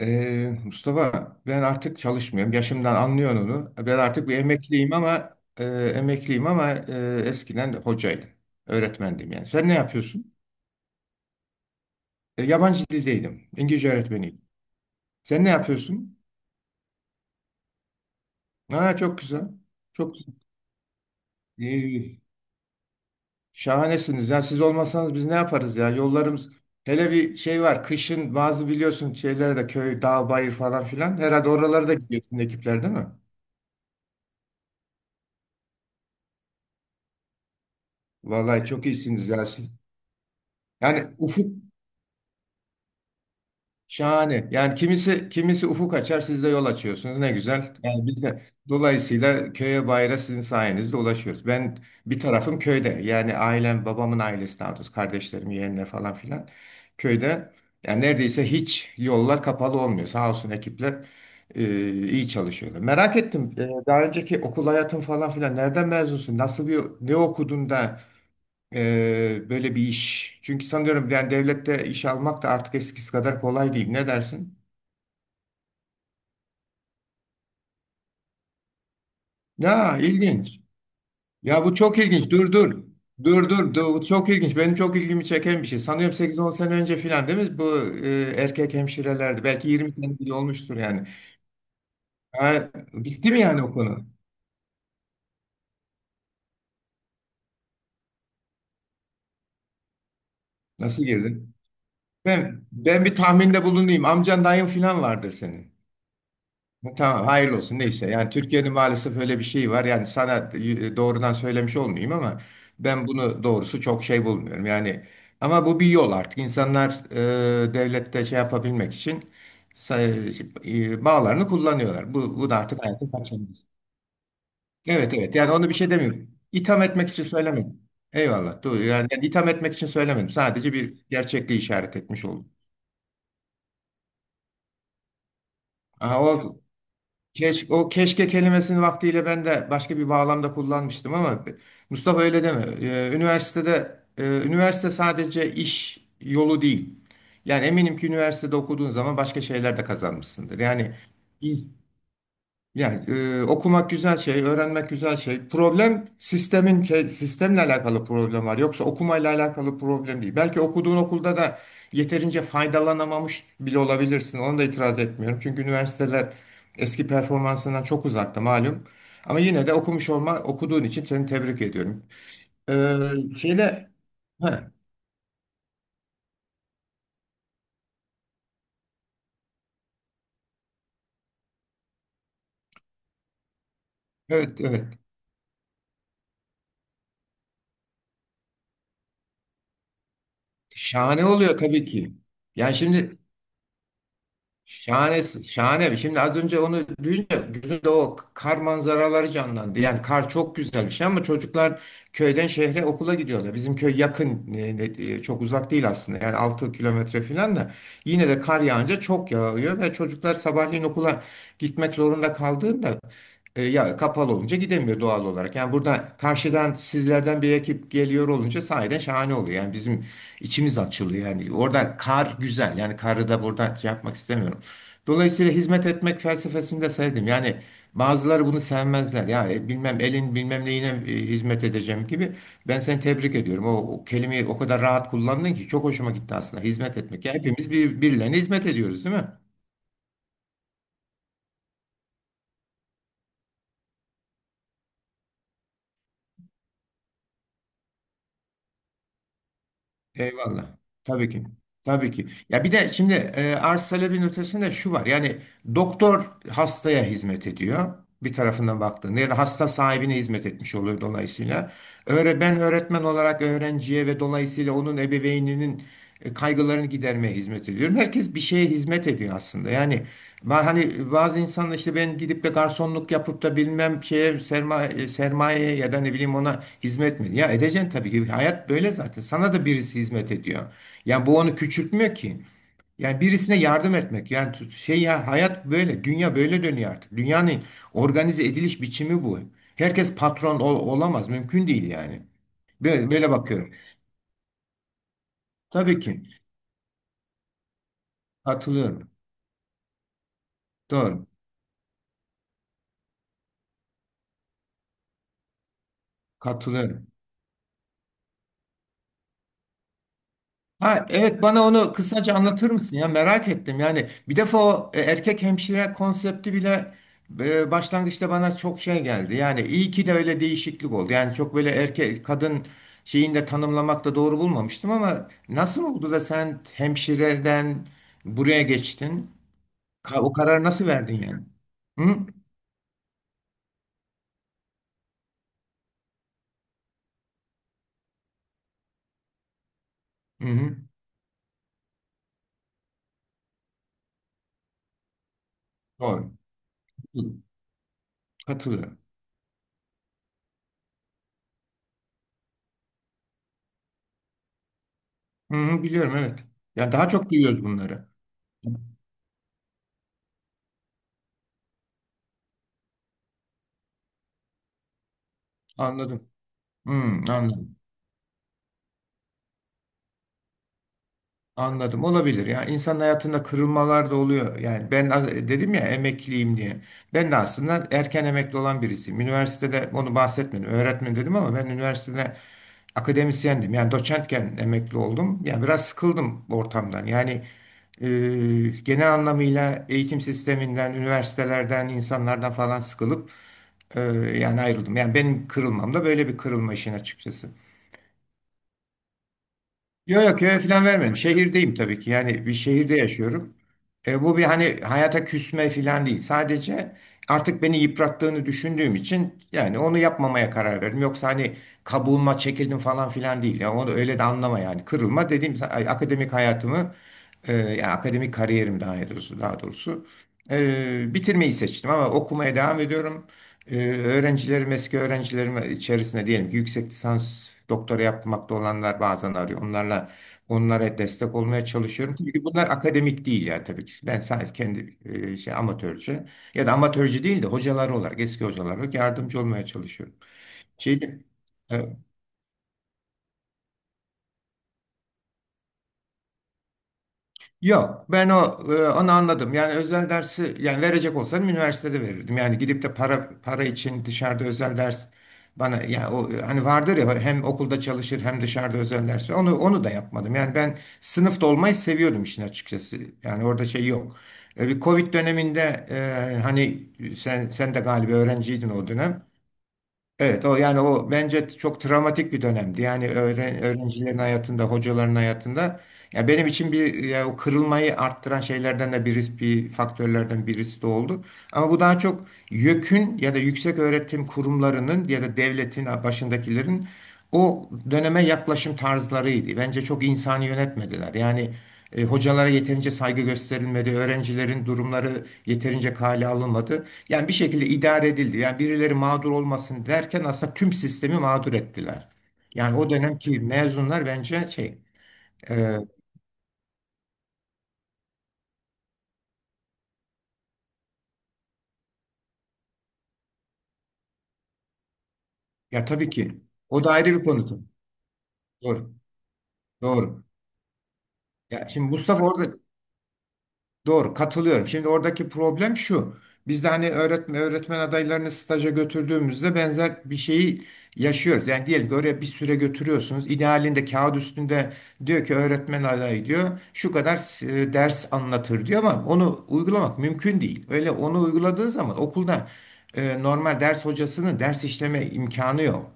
Mustafa ben artık çalışmıyorum. Yaşımdan anlıyorsun onu. Ben artık bir emekliyim ama emekliyim ama eskiden hocaydım. Öğretmendim yani. Sen ne yapıyorsun? Yabancı dildeydim. İngilizce öğretmeniydim. Sen ne yapıyorsun? Ha, çok güzel. Çok iyi. Şahanesiniz. Ya siz olmasanız biz ne yaparız ya? Yollarımız hele bir şey var. Kışın bazı biliyorsun şeylerde köy, dağ, bayır falan filan. Herhalde oralara da gidiyorsun ekipler değil mi? Vallahi çok iyisiniz ya siz. Yani ufuk. Şahane. Yani kimisi kimisi ufuk açar, siz de yol açıyorsunuz. Ne güzel. Yani biz de dolayısıyla köye bayra sizin sayenizde ulaşıyoruz. Ben bir tarafım köyde. Yani ailem, babamın ailesi daha doğrusu, kardeşlerim, yeğenler falan filan köyde. Yani neredeyse hiç yollar kapalı olmuyor. Sağ olsun ekipler e, iyi çalışıyorlar. Merak ettim. Daha önceki okul hayatın falan filan nereden mezunsun? Nasıl bir ne okudun da böyle bir iş. Çünkü sanıyorum yani devlette iş almak da artık eskisi kadar kolay değil. Ne dersin? Ya ilginç. Ya bu çok ilginç. Dur. Dur. Bu çok ilginç. Benim çok ilgimi çeken bir şey. Sanıyorum sekiz on sene önce filan değil mi? Bu erkek hemşirelerdi. Belki 20 sene bile olmuştur yani. Ha, bitti mi yani o konu? Nasıl girdin? Ben bir tahminde bulunayım. Amcan dayın filan vardır senin. Tamam hayırlı olsun neyse. Yani Türkiye'nin maalesef öyle bir şeyi var. Yani sana doğrudan söylemiş olmayayım ama ben bunu doğrusu çok şey bulmuyorum. Yani ama bu bir yol artık. İnsanlar devlette şey yapabilmek için say- bağlarını kullanıyorlar. Bu da artık hayatın kaçınılmazı. Evet evet yani onu bir şey demiyorum. İtham etmek için söylemedim. Eyvallah. Doğru. Yani itham etmek için söylemedim. Sadece bir gerçekliği işaret etmiş oldum. Aha, o keş, o keşke kelimesini vaktiyle ben de başka bir bağlamda kullanmıştım ama Mustafa öyle deme. Üniversitede üniversite sadece iş yolu değil. Yani eminim ki üniversitede okuduğun zaman başka şeyler de kazanmışsındır. Yani okumak güzel şey, öğrenmek güzel şey. Problem sistemin sistemle alakalı problem var. Yoksa okumayla alakalı problem değil. Belki okuduğun okulda da yeterince faydalanamamış bile olabilirsin. Ona da itiraz etmiyorum. Çünkü üniversiteler eski performansından çok uzakta malum. Ama yine de okumuş olma, okuduğun için seni tebrik ediyorum. Ee, şeyle, ha, evet evet. Şahane oluyor tabii ki. Yani şimdi şahane, şahane. Şimdi az önce onu duyunca gözümde o kar manzaraları canlandı. Yani kar çok güzel bir şey ama çocuklar köyden şehre okula gidiyorlar. Bizim köy yakın, çok uzak değil aslında. Yani 6 kilometre falan da yine de kar yağınca çok yağıyor ve çocuklar sabahleyin okula gitmek zorunda kaldığında ya kapalı olunca gidemiyor doğal olarak. Yani burada karşıdan sizlerden bir ekip geliyor olunca sahiden şahane oluyor. Yani bizim içimiz açılıyor. Yani orada kar güzel. Yani karı da burada şey yapmak istemiyorum. Dolayısıyla hizmet etmek felsefesini de sevdim. Yani bazıları bunu sevmezler. Ya bilmem elin bilmem neyine hizmet edeceğim gibi. Ben seni tebrik ediyorum. O kelimeyi o kadar rahat kullandın ki çok hoşuma gitti aslında. Hizmet etmek. Yani hepimiz birilerine hizmet ediyoruz, değil mi? Eyvallah. Tabii ki. Tabii ki. Ya bir de şimdi arz talebin ötesinde şu var. Yani doktor hastaya hizmet ediyor. Bir tarafından baktığında ya da hasta sahibine hizmet etmiş oluyor dolayısıyla. Ben öğretmen olarak öğrenciye ve dolayısıyla onun ebeveyninin kaygılarını gidermeye hizmet ediyorum. Herkes bir şeye hizmet ediyor aslında. Yani hani bazı insanlar işte ben gidip de garsonluk yapıp da bilmem şeye sermaye ya da ne bileyim ona hizmet mi? Ya edeceksin tabii ki. Hayat böyle zaten. Sana da birisi hizmet ediyor. Yani bu onu küçültmüyor ki. Yani birisine yardım etmek yani şey ya hayat böyle dünya böyle dönüyor artık. Dünyanın organize ediliş biçimi bu. Herkes olamaz mümkün değil yani. Böyle, böyle bakıyorum. Tabii ki katılıyorum. Doğru. Katılıyorum. Ha evet bana onu kısaca anlatır mısın ya merak ettim yani bir defa o erkek hemşire konsepti bile başlangıçta bana çok şey geldi yani iyi ki de öyle değişiklik oldu yani çok böyle erkek kadın şeyini de tanımlamak da doğru bulmamıştım ama nasıl oldu da sen hemşireden buraya geçtin. O kararı nasıl verdin yani? Hı? Hı hı. Doğru. Katılıyorum. Hı hı, biliyorum evet. Yani daha çok duyuyoruz bunları. Anladım. Hı, anladım. Anladım. Olabilir. Yani insan hayatında kırılmalar da oluyor. Yani ben dedim ya emekliyim diye. Ben de aslında erken emekli olan birisiyim. Üniversitede onu bahsetmedim. Öğretmen dedim ama ben üniversitede akademisyendim. Yani doçentken emekli oldum. Yani biraz sıkıldım ortamdan. Yani e, genel anlamıyla eğitim sisteminden, üniversitelerden, insanlardan falan sıkılıp e, yani ayrıldım. Yani benim kırılmam da böyle bir kırılma işin açıkçası. Yok yok köye falan vermedim. Şehirdeyim tabii ki. Yani bir şehirde yaşıyorum. E, bu bir hani hayata küsme falan değil. Sadece artık beni yıprattığını düşündüğüm için yani onu yapmamaya karar verdim. Yoksa hani kabuğuma çekildim falan filan değil. Yani onu öyle de anlama yani. Kırılma dediğim akademik hayatımı yani akademik kariyerim daha doğrusu bitirmeyi seçtim ama okumaya devam ediyorum. Öğrencilerim, eski öğrencilerim içerisinde diyelim ki yüksek lisans doktora yapmakta olanlar bazen arıyor. Onlara destek olmaya çalışıyorum. Tabii ki bunlar akademik değil yani tabii ki. Ben sadece kendi şey amatörce ya da amatörce değil de hocalar olarak, eski hocalar olarak yardımcı olmaya çalışıyorum. Şeydi, Yok, ben o onu anladım. Yani özel dersi yani verecek olsam üniversitede verirdim. Yani gidip de para için dışarıda özel ders bana yani o hani vardır ya hem okulda çalışır hem dışarıda özel ders. Onu da yapmadım. Yani ben sınıfta olmayı seviyordum işin açıkçası. Yani orada şey yok. E, bir Covid döneminde hani sen de galiba öğrenciydin o dönem. Evet, o yani o bence çok travmatik bir dönemdi. Yani öğrencilerin hayatında, hocaların hayatında. Ya benim için bir ya o kırılmayı arttıran şeylerden de birisi, bir faktörlerden birisi de oldu. Ama bu daha çok YÖK'ün ya da yüksek öğretim kurumlarının ya da devletin başındakilerin o döneme yaklaşım tarzlarıydı. Bence çok insani yönetmediler. Yani hocalara yeterince saygı gösterilmedi, öğrencilerin durumları yeterince kale alınmadı. Yani bir şekilde idare edildi. Yani birileri mağdur olmasın derken aslında tüm sistemi mağdur ettiler. Yani o dönemki mezunlar bence şey, e, ya tabii ki o da ayrı bir konu. Tabii. Doğru, doğru. Ya şimdi Mustafa orada doğru katılıyorum. Şimdi oradaki problem şu. Biz de hani öğretmen adaylarını staja götürdüğümüzde benzer bir şeyi yaşıyoruz. Yani diyelim ki oraya bir süre götürüyorsunuz. İdealinde kağıt üstünde diyor ki öğretmen adayı diyor. Şu kadar ders anlatır diyor ama onu uygulamak mümkün değil. Öyle onu uyguladığın zaman okulda normal ders hocasının ders işleme imkanı yok.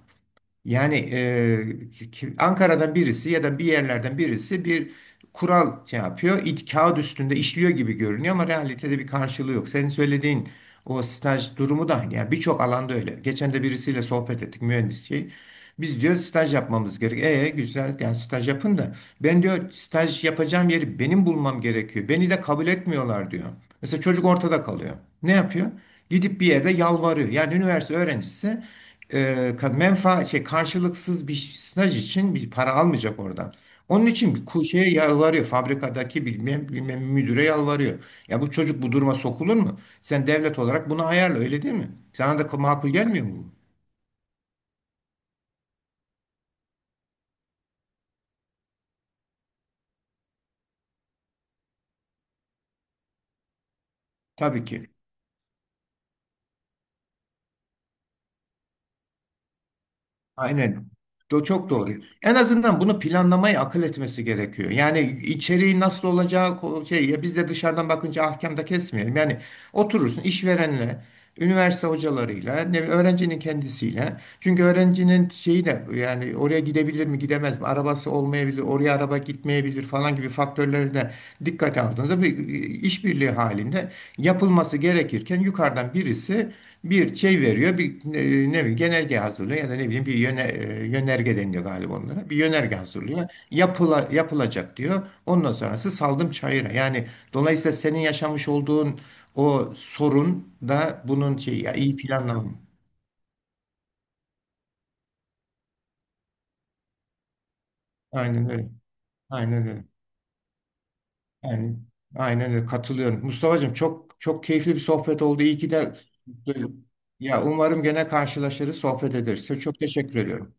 Yani Ankara'dan birisi ya da bir yerlerden birisi bir kural şey yapıyor. İt, kağıt üstünde işliyor gibi görünüyor ama realitede bir karşılığı yok. Senin söylediğin o staj durumu da yani birçok alanda öyle. Geçen de birisiyle sohbet ettik mühendis şey. Biz diyor staj yapmamız gerekiyor. E güzel yani staj yapın da ben diyor staj yapacağım yeri benim bulmam gerekiyor. Beni de kabul etmiyorlar diyor. Mesela çocuk ortada kalıyor. Ne yapıyor? Gidip bir yerde yalvarıyor. Yani üniversite öğrencisi e, ka- menfa şey karşılıksız bir staj için bir para almayacak oradan. Onun için bir şeye yalvarıyor. Fabrikadaki bilmem müdüre yalvarıyor. Ya bu çocuk bu duruma sokulur mu? Sen devlet olarak bunu ayarla öyle değil mi? Sana da makul gelmiyor mu bu? Tabii ki. Aynen. Çok doğru. En azından bunu planlamayı akıl etmesi gerekiyor. Yani içeriği nasıl olacağı şey ya biz de dışarıdan bakınca ahkam da kesmeyelim. Yani oturursun işverenle üniversite hocalarıyla, öğrencinin kendisiyle. Çünkü öğrencinin şeyi de yani oraya gidebilir mi, gidemez mi? Arabası olmayabilir, oraya araba gitmeyebilir falan gibi faktörleri de dikkate aldığınızda bir işbirliği halinde yapılması gerekirken yukarıdan birisi bir şey veriyor, bir ne bileyim genelge hazırlıyor ya da ne bileyim bir yönerge deniliyor galiba onlara. Bir yönerge hazırlıyor. Yapılacak diyor. Ondan sonrası saldım çayıra. Yani dolayısıyla senin yaşamış olduğun o sorun da bunun şey ya iyi planlama. Aynen öyle. Aynen öyle. Yani aynen öyle katılıyorum. Mustafa'cığım çok çok keyifli bir sohbet oldu. İyi ki de ya umarım gene karşılaşırız, sohbet ederiz. Çok teşekkür ediyorum.